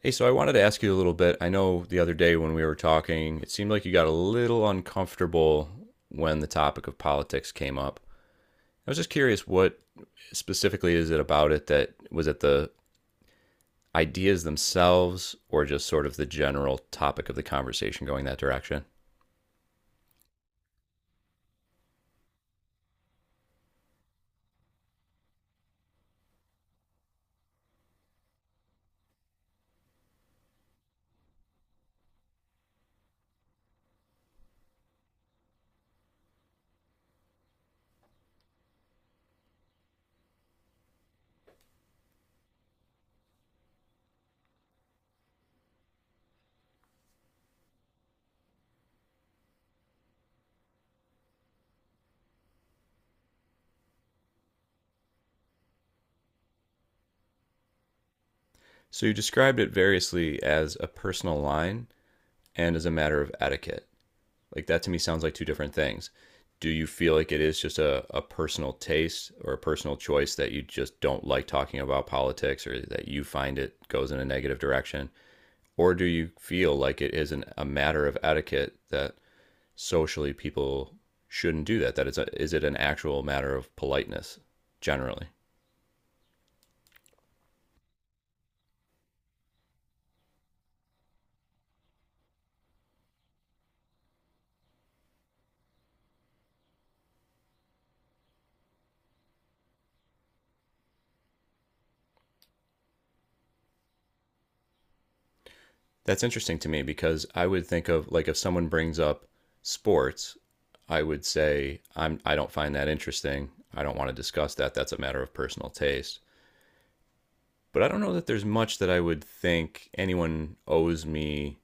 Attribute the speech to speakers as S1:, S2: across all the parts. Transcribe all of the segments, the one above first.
S1: Hey, so I wanted to ask you a little bit. I know the other day when we were talking, it seemed like you got a little uncomfortable when the topic of politics came up. I was just curious what specifically is it about it, that was it the ideas themselves or just sort of the general topic of the conversation going that direction? So you described it variously as a personal line and as a matter of etiquette. Like, that to me sounds like two different things. Do you feel like it is just a personal taste or a personal choice that you just don't like talking about politics, or that you find it goes in a negative direction? Or do you feel like it is a matter of etiquette that socially people shouldn't do that? That is, is it an actual matter of politeness generally? That's interesting to me, because I would think of, like, if someone brings up sports, I would say I don't find that interesting. I don't want to discuss that. That's a matter of personal taste. But I don't know that there's much that I would think anyone owes me,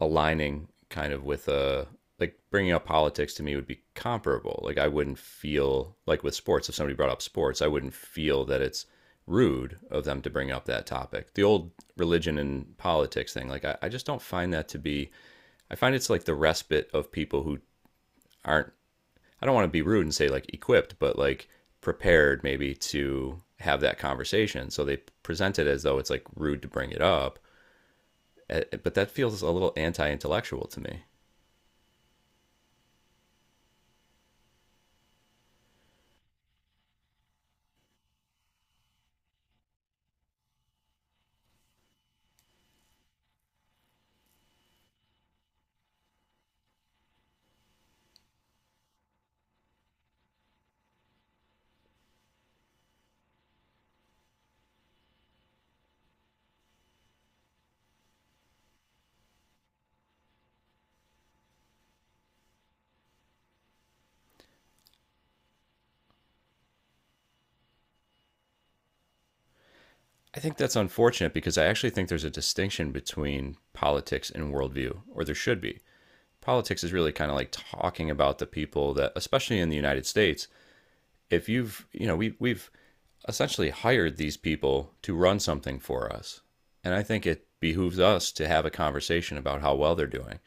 S1: aligning kind of with a, like, bringing up politics to me would be comparable. Like, I wouldn't feel, like, with sports, if somebody brought up sports, I wouldn't feel that it's rude of them to bring up that topic. The old religion and politics thing, like, I just don't find that to be, I find it's like the respite of people who aren't, I don't want to be rude and say like equipped, but like prepared maybe to have that conversation. So they present it as though it's like rude to bring it up. But that feels a little anti intellectual to me. I think that's unfortunate, because I actually think there's a distinction between politics and worldview, or there should be. Politics is really kind of like talking about the people that, especially in the United States, if you've, you know, we've essentially hired these people to run something for us, and I think it behooves us to have a conversation about how well they're doing.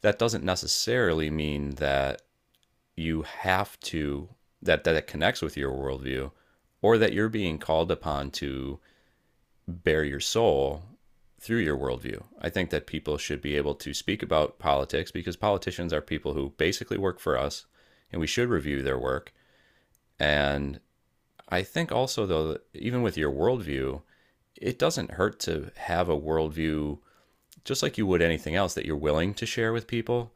S1: That doesn't necessarily mean that you have to, that it connects with your worldview, or that you're being called upon to bare your soul through your worldview. I think that people should be able to speak about politics, because politicians are people who basically work for us, and we should review their work. And I think also, though, even with your worldview, it doesn't hurt to have a worldview, just like you would anything else that you're willing to share with people,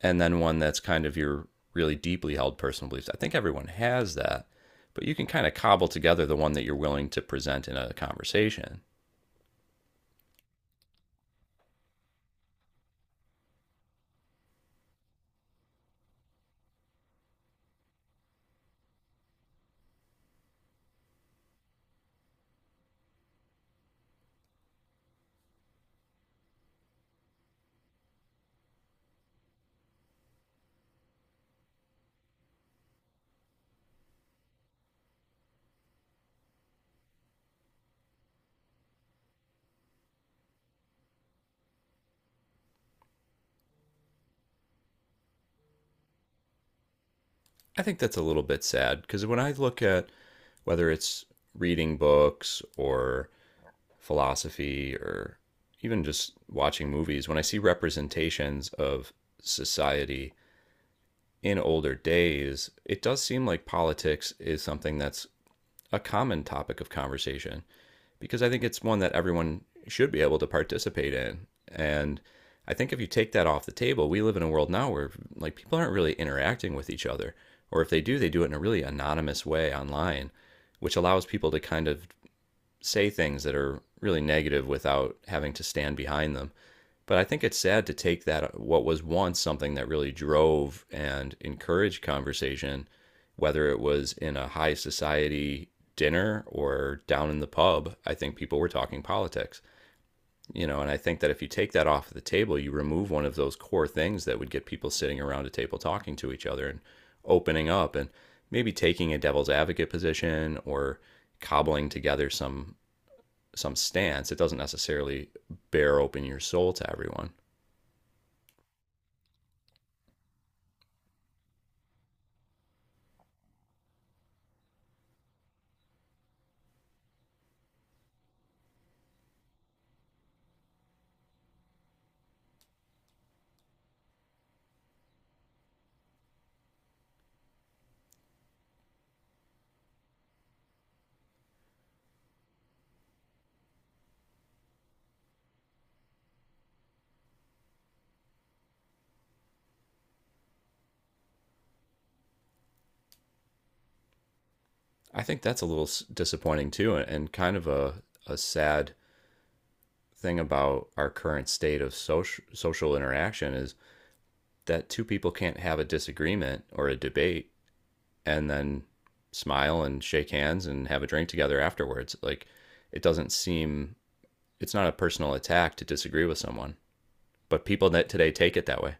S1: and then one that's kind of your really deeply held personal beliefs. I think everyone has that, but you can kind of cobble together the one that you're willing to present in a conversation. I think that's a little bit sad, because when I look at whether it's reading books or philosophy or even just watching movies, when I see representations of society in older days, it does seem like politics is something that's a common topic of conversation, because I think it's one that everyone should be able to participate in. And I think if you take that off the table, we live in a world now where, like, people aren't really interacting with each other, or if they do, they do it in a really anonymous way online, which allows people to kind of say things that are really negative without having to stand behind them. But I think it's sad to take that, what was once something that really drove and encouraged conversation, whether it was in a high society dinner or down in the pub, I think people were talking politics. You know, and I think that if you take that off the table, you remove one of those core things that would get people sitting around a table talking to each other and opening up and maybe taking a devil's advocate position or cobbling together some stance. It doesn't necessarily bear open your soul to everyone. I think that's a little disappointing too, and kind of a sad thing about our current state of social social interaction is that two people can't have a disagreement or a debate and then smile and shake hands and have a drink together afterwards. Like, it doesn't seem, it's not a personal attack to disagree with someone, but people that today take it that way.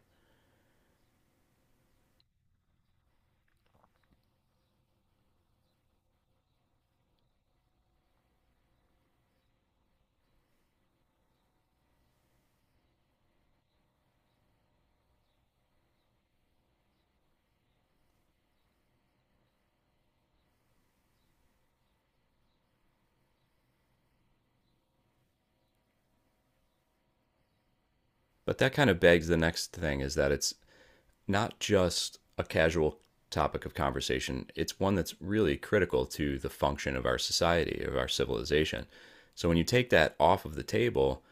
S1: But that kind of begs the next thing, is that it's not just a casual topic of conversation. It's one that's really critical to the function of our society, of our civilization. So when you take that off of the table,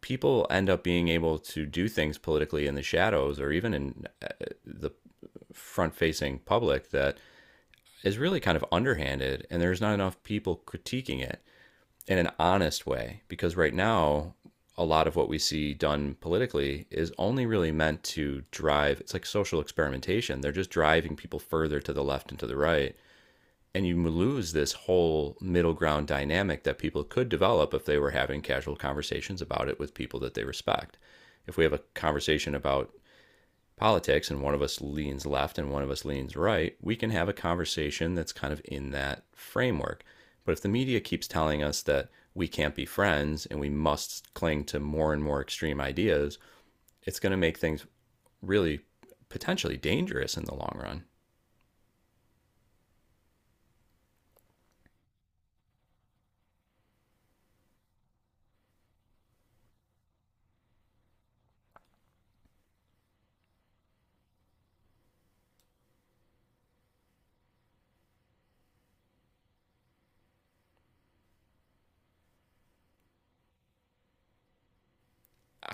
S1: people end up being able to do things politically in the shadows, or even in the front facing public, that is really kind of underhanded, and there's not enough people critiquing it in an honest way, because right now a lot of what we see done politically is only really meant to drive, it's like social experimentation, they're just driving people further to the left and to the right, and you lose this whole middle ground dynamic that people could develop if they were having casual conversations about it with people that they respect. If we have a conversation about politics, and one of us leans left and one of us leans right, we can have a conversation that's kind of in that framework. But if the media keeps telling us that we can't be friends and we must cling to more and more extreme ideas, it's going to make things really potentially dangerous in the long run.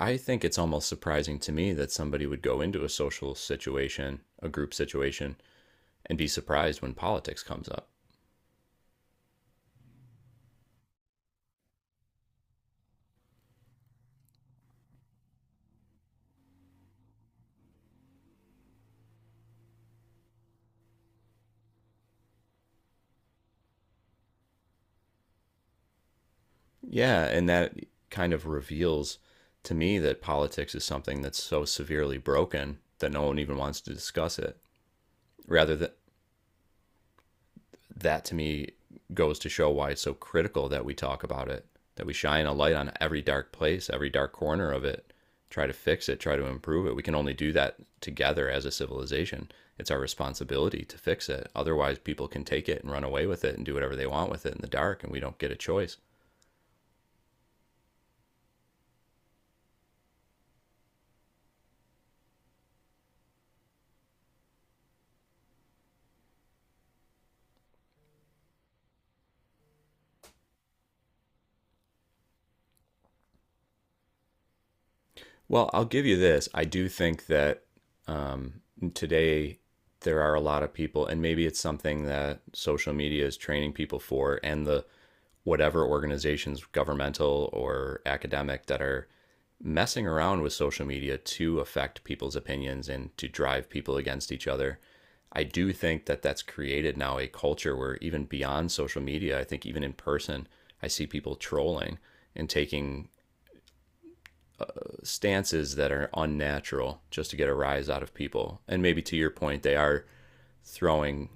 S1: I think it's almost surprising to me that somebody would go into a social situation, a group situation, and be surprised when politics comes up. Yeah, and that kind of reveals to me that politics is something that's so severely broken that no one even wants to discuss it. Rather, that, that to me goes to show why it's so critical that we talk about it, that we shine a light on every dark place, every dark corner of it, try to fix it, try to improve it. We can only do that together as a civilization. It's our responsibility to fix it. Otherwise, people can take it and run away with it and do whatever they want with it in the dark, and we don't get a choice. Well, I'll give you this. I do think that, um, today, there are a lot of people, and maybe it's something that social media is training people for, and the whatever organizations, governmental or academic, that are messing around with social media to affect people's opinions and to drive people against each other. I do think that that's created now a culture where, even beyond social media, I think even in person, I see people trolling and taking stances that are unnatural just to get a rise out of people. And maybe to your point, they are throwing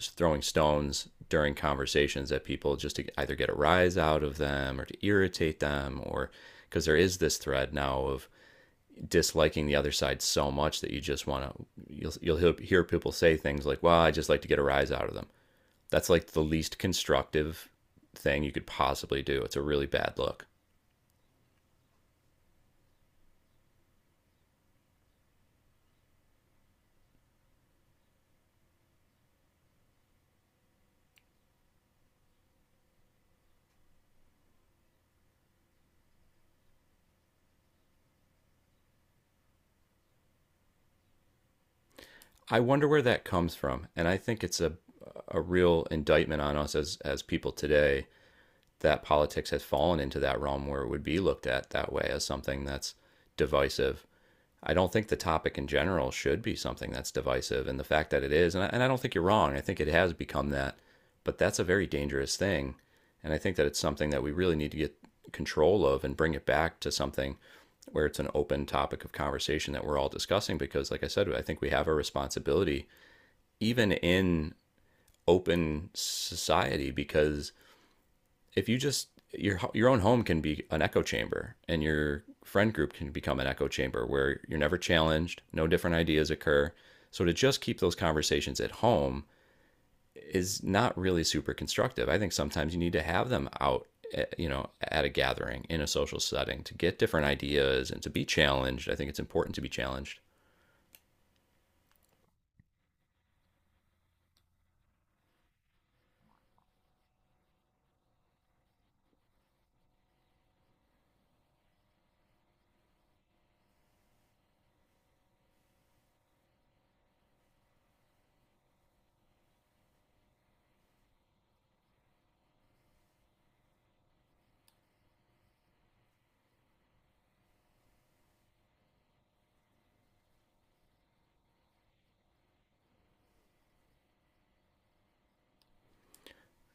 S1: throwing stones during conversations at people just to either get a rise out of them or to irritate them, or because there is this thread now of disliking the other side so much that you just want to, you'll hear people say things like, well, I just like to get a rise out of them. That's like the least constructive thing you could possibly do. It's a really bad look. I wonder where that comes from, and I think it's a real indictment on us as people today, that politics has fallen into that realm where it would be looked at that way, as something that's divisive. I don't think the topic in general should be something that's divisive, and the fact that it is, and I don't think you're wrong. I think it has become that, but that's a very dangerous thing, and I think that it's something that we really need to get control of and bring it back to something where it's an open topic of conversation that we're all discussing, because like I said, I think we have a responsibility, even in open society, because if you just, your own home can be an echo chamber, and your friend group can become an echo chamber where you're never challenged, no different ideas occur. So to just keep those conversations at home is not really super constructive. I think sometimes you need to have them out, you know, at a gathering in a social setting, to get different ideas and to be challenged. I think it's important to be challenged.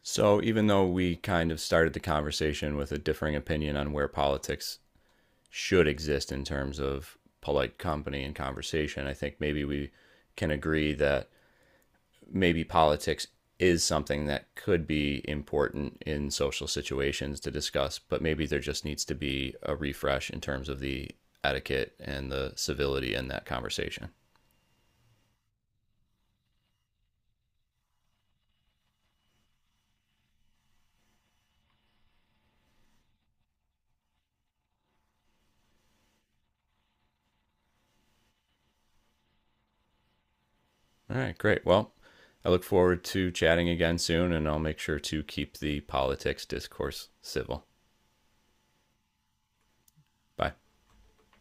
S1: So even though we kind of started the conversation with a differing opinion on where politics should exist in terms of polite company and conversation, I think maybe we can agree that maybe politics is something that could be important in social situations to discuss, but maybe there just needs to be a refresh in terms of the etiquette and the civility in that conversation. All right, great. Well, I look forward to chatting again soon, and I'll make sure to keep the politics discourse civil. Bye.